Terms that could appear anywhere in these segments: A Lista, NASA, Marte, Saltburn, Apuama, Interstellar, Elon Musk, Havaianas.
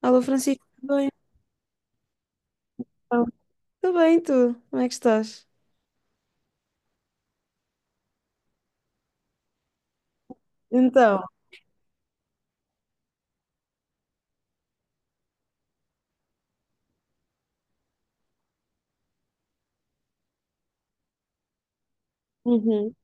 Alô, Francisco, tudo bem? Então, Tudo bem, e tu? Como é que estás? Então, Uhum.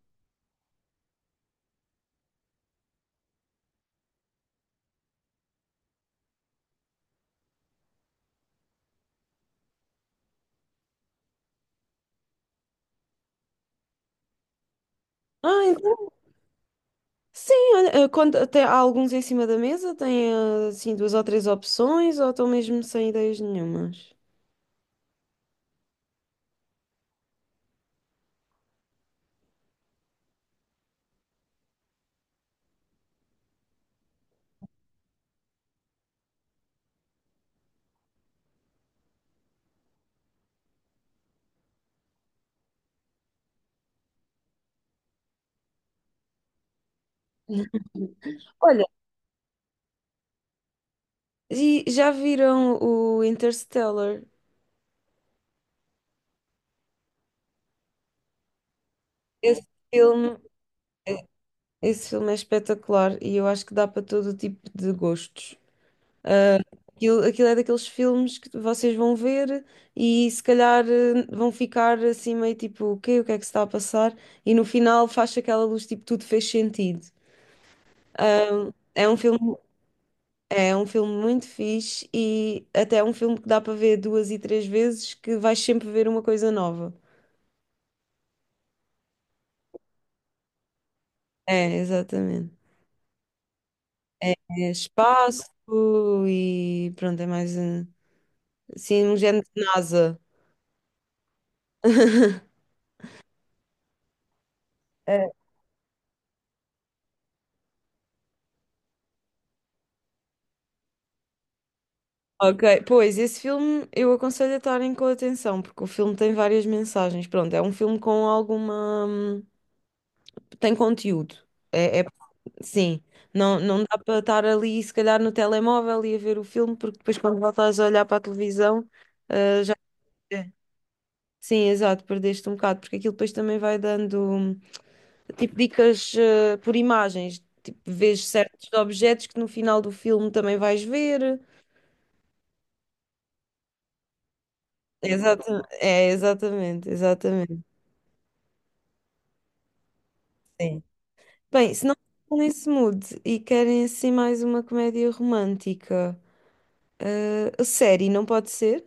Ah, então, sim, olha, quando, até há alguns em cima da mesa, tem assim duas ou três opções, ou estão mesmo sem ideias nenhumas? Olha, e já viram o Interstellar? Esse filme, esse filme é espetacular e eu acho que dá para todo o tipo de gostos. Aquilo é daqueles filmes que vocês vão ver e se calhar vão ficar assim meio tipo, o quê? O que é que se está a passar? E no final faz aquela luz, tipo, tudo fez sentido. É um filme, é um filme muito fixe e até é um filme que dá para ver duas e três vezes que vais sempre ver uma coisa nova. É, exatamente. É espaço e pronto, é mais assim um género de NASA. Ok, pois esse filme eu aconselho a estarem com atenção, porque o filme tem várias mensagens. Pronto, é um filme com alguma. Tem conteúdo. É, é- Sim, não dá para estar ali, se calhar, no telemóvel e a ver o filme, porque depois, quando voltas a olhar para a televisão. É. Sim, exato, perdeste um bocado, porque aquilo depois também vai dando tipo dicas por imagens, tipo, vês certos objetos que no final do filme também vais ver. Exato, é, exatamente, exatamente. Sim. Bem, se não estão nesse mood e querem assim mais uma comédia romântica, a série não pode ser?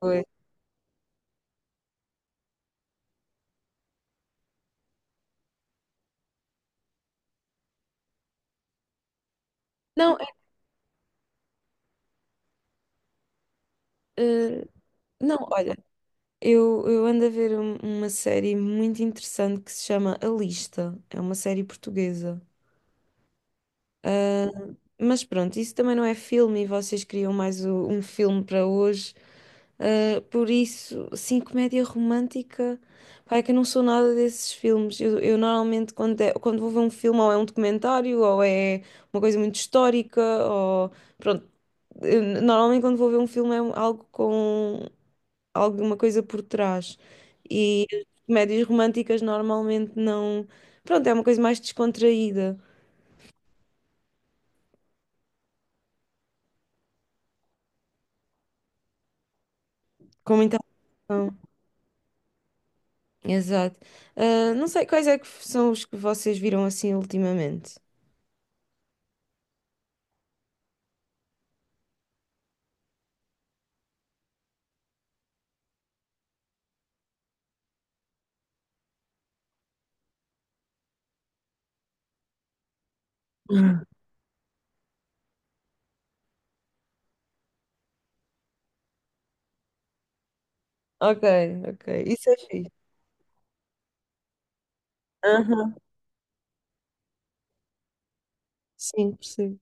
Oi. Não, é, eh, não, olha, eu ando a ver uma série muito interessante que se chama A Lista. É uma série portuguesa. Mas pronto, isso também não é filme e vocês criam mais um filme para hoje. Por isso, sim, comédia romântica. Pá, é que eu não sou nada desses filmes. Eu normalmente, quando, quando vou ver um filme, ou é um documentário, ou é uma coisa muito histórica, ou. Pronto. Eu normalmente, quando vou ver um filme, é algo com alguma coisa por trás. E as comédias românticas normalmente não. Pronto, é uma coisa mais descontraída, com muita ação. Exato. Ah, não sei quais é que são os que vocês viram assim ultimamente. Hum. Ok, ok. Isso é fixe. Aham. Sim, percebo.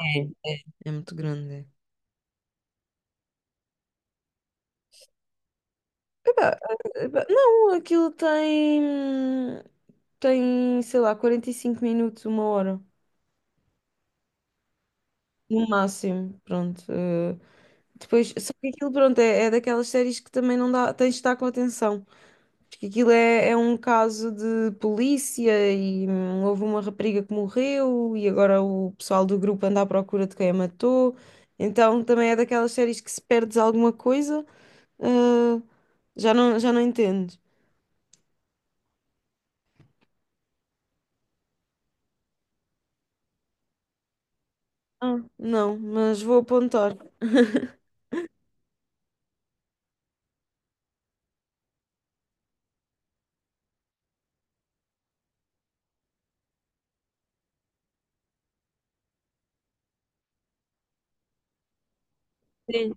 É. É muito grande. É. Não, tem, sei lá, 45 minutos, uma hora, no máximo, pronto. Só que aquilo, pronto, é daquelas séries que também não dá, tens de estar com atenção. Porque é um caso de polícia e houve uma rapariga que morreu e agora o pessoal do grupo anda à procura de quem a matou. Então também é daquelas séries que se perdes alguma coisa, ah, já não entendes. Ah, não, mas vou apontar. Sim,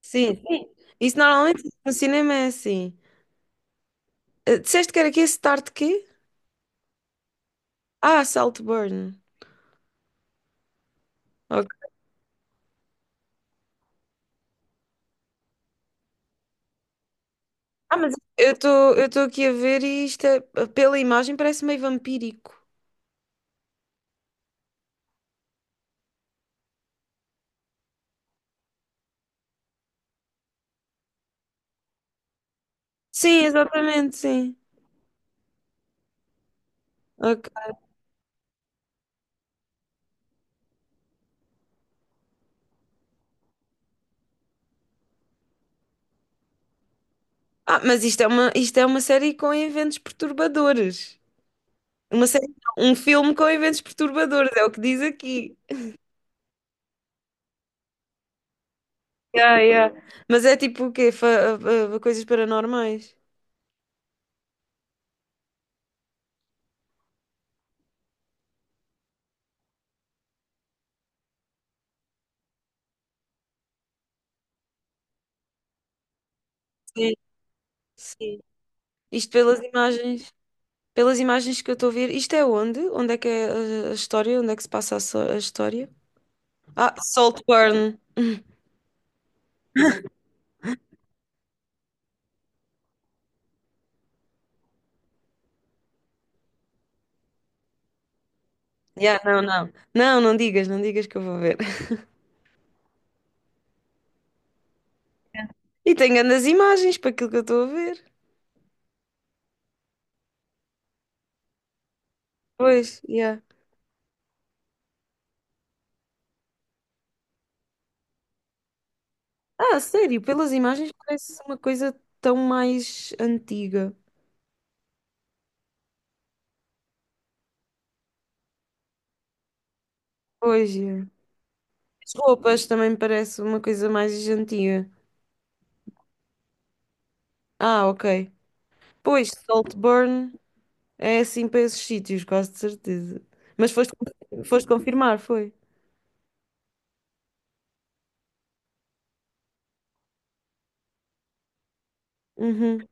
sim. Sim. Isso normalmente no cinema é assim. Ah, disseste que era aqui Start quê? Ah, Saltburn. Ok. Ah, mas eu estou aqui a ver e pela imagem parece meio vampírico. Sim, exatamente, sim. Ok. Ah, mas isto é uma série com eventos perturbadores. Uma série, não, um filme com eventos perturbadores, é o que diz aqui. Yeah, yeah. Mas é tipo o quê? Coisas paranormais? Sim, sim. Isto pelas imagens, pelas imagens que eu estou a ver. Isto é onde? Onde é que é a história? Onde é que se passa a história? Ah, Saltburn. Yeah, não, não. Não digas, não digas que eu vou ver. E tenho grandes imagens para aquilo que eu estou a ver. Pois, yeah. Ah, sério, pelas imagens parece uma coisa tão mais antiga. Pois é. As roupas também parece uma coisa mais antiga. Ah, ok. Pois, Saltburn é assim para esses sítios, quase de certeza. Mas foste, foste confirmar, foi? Uhum.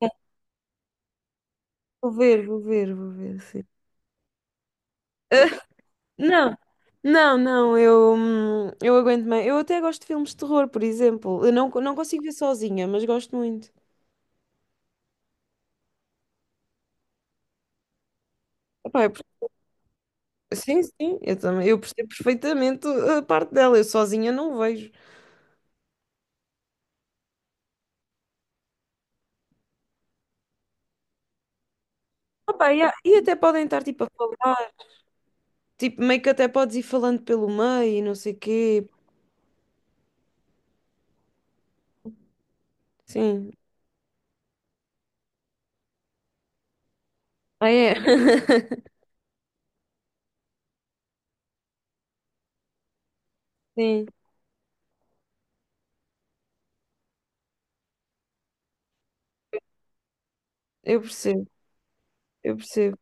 É, vou ver, vou ver, vou ver, sim. Não, não, eu aguento bem. Eu até gosto de filmes de terror, por exemplo. Eu não, não consigo ver sozinha, mas gosto muito. Epá, eu Sim, sim, eu percebo perfeitamente a parte dela, eu sozinha não vejo. Opa, e até podem estar tipo a falar, tipo, meio que até podes ir falando pelo meio e não sei quê. Sim. Ah, é? Sim, eu percebo, eu percebo.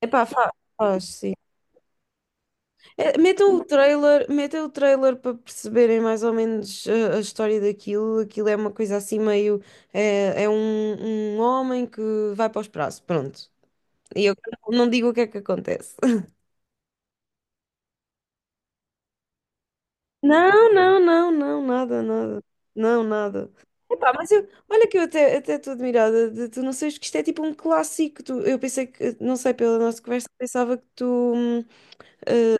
Epá, fa- Faz, sim. É, metam o trailer para perceberem mais ou menos a história daquilo. Aquilo é uma coisa assim meio. Um homem que vai para os prazos, pronto. E eu não digo o que é que acontece. Não, nada, nada. Não, nada. Epá, olha que eu até estou admirada de tu não seres, que isto é tipo um clássico. Tu, eu pensei que, não sei, pela nossa conversa, pensava que tu. hum, eh,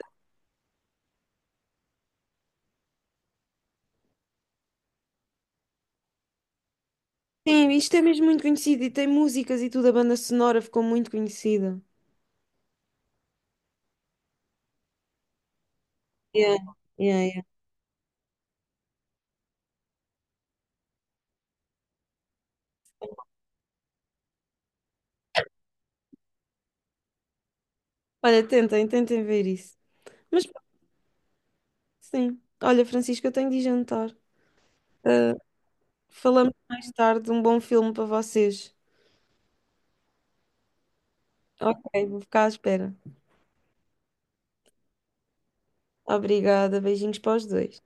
sim, isto é mesmo muito conhecido e tem músicas e tudo, a banda sonora ficou muito conhecida. Yeah, yeah, yeah. Olha, tentem, tentem ver isso. Mas pronto, sim. Olha, Francisco, eu tenho de ir jantar. Eh, Falamos mais tarde, um bom filme para vocês. Ok, vou ficar à espera. Obrigada, beijinhos para os dois.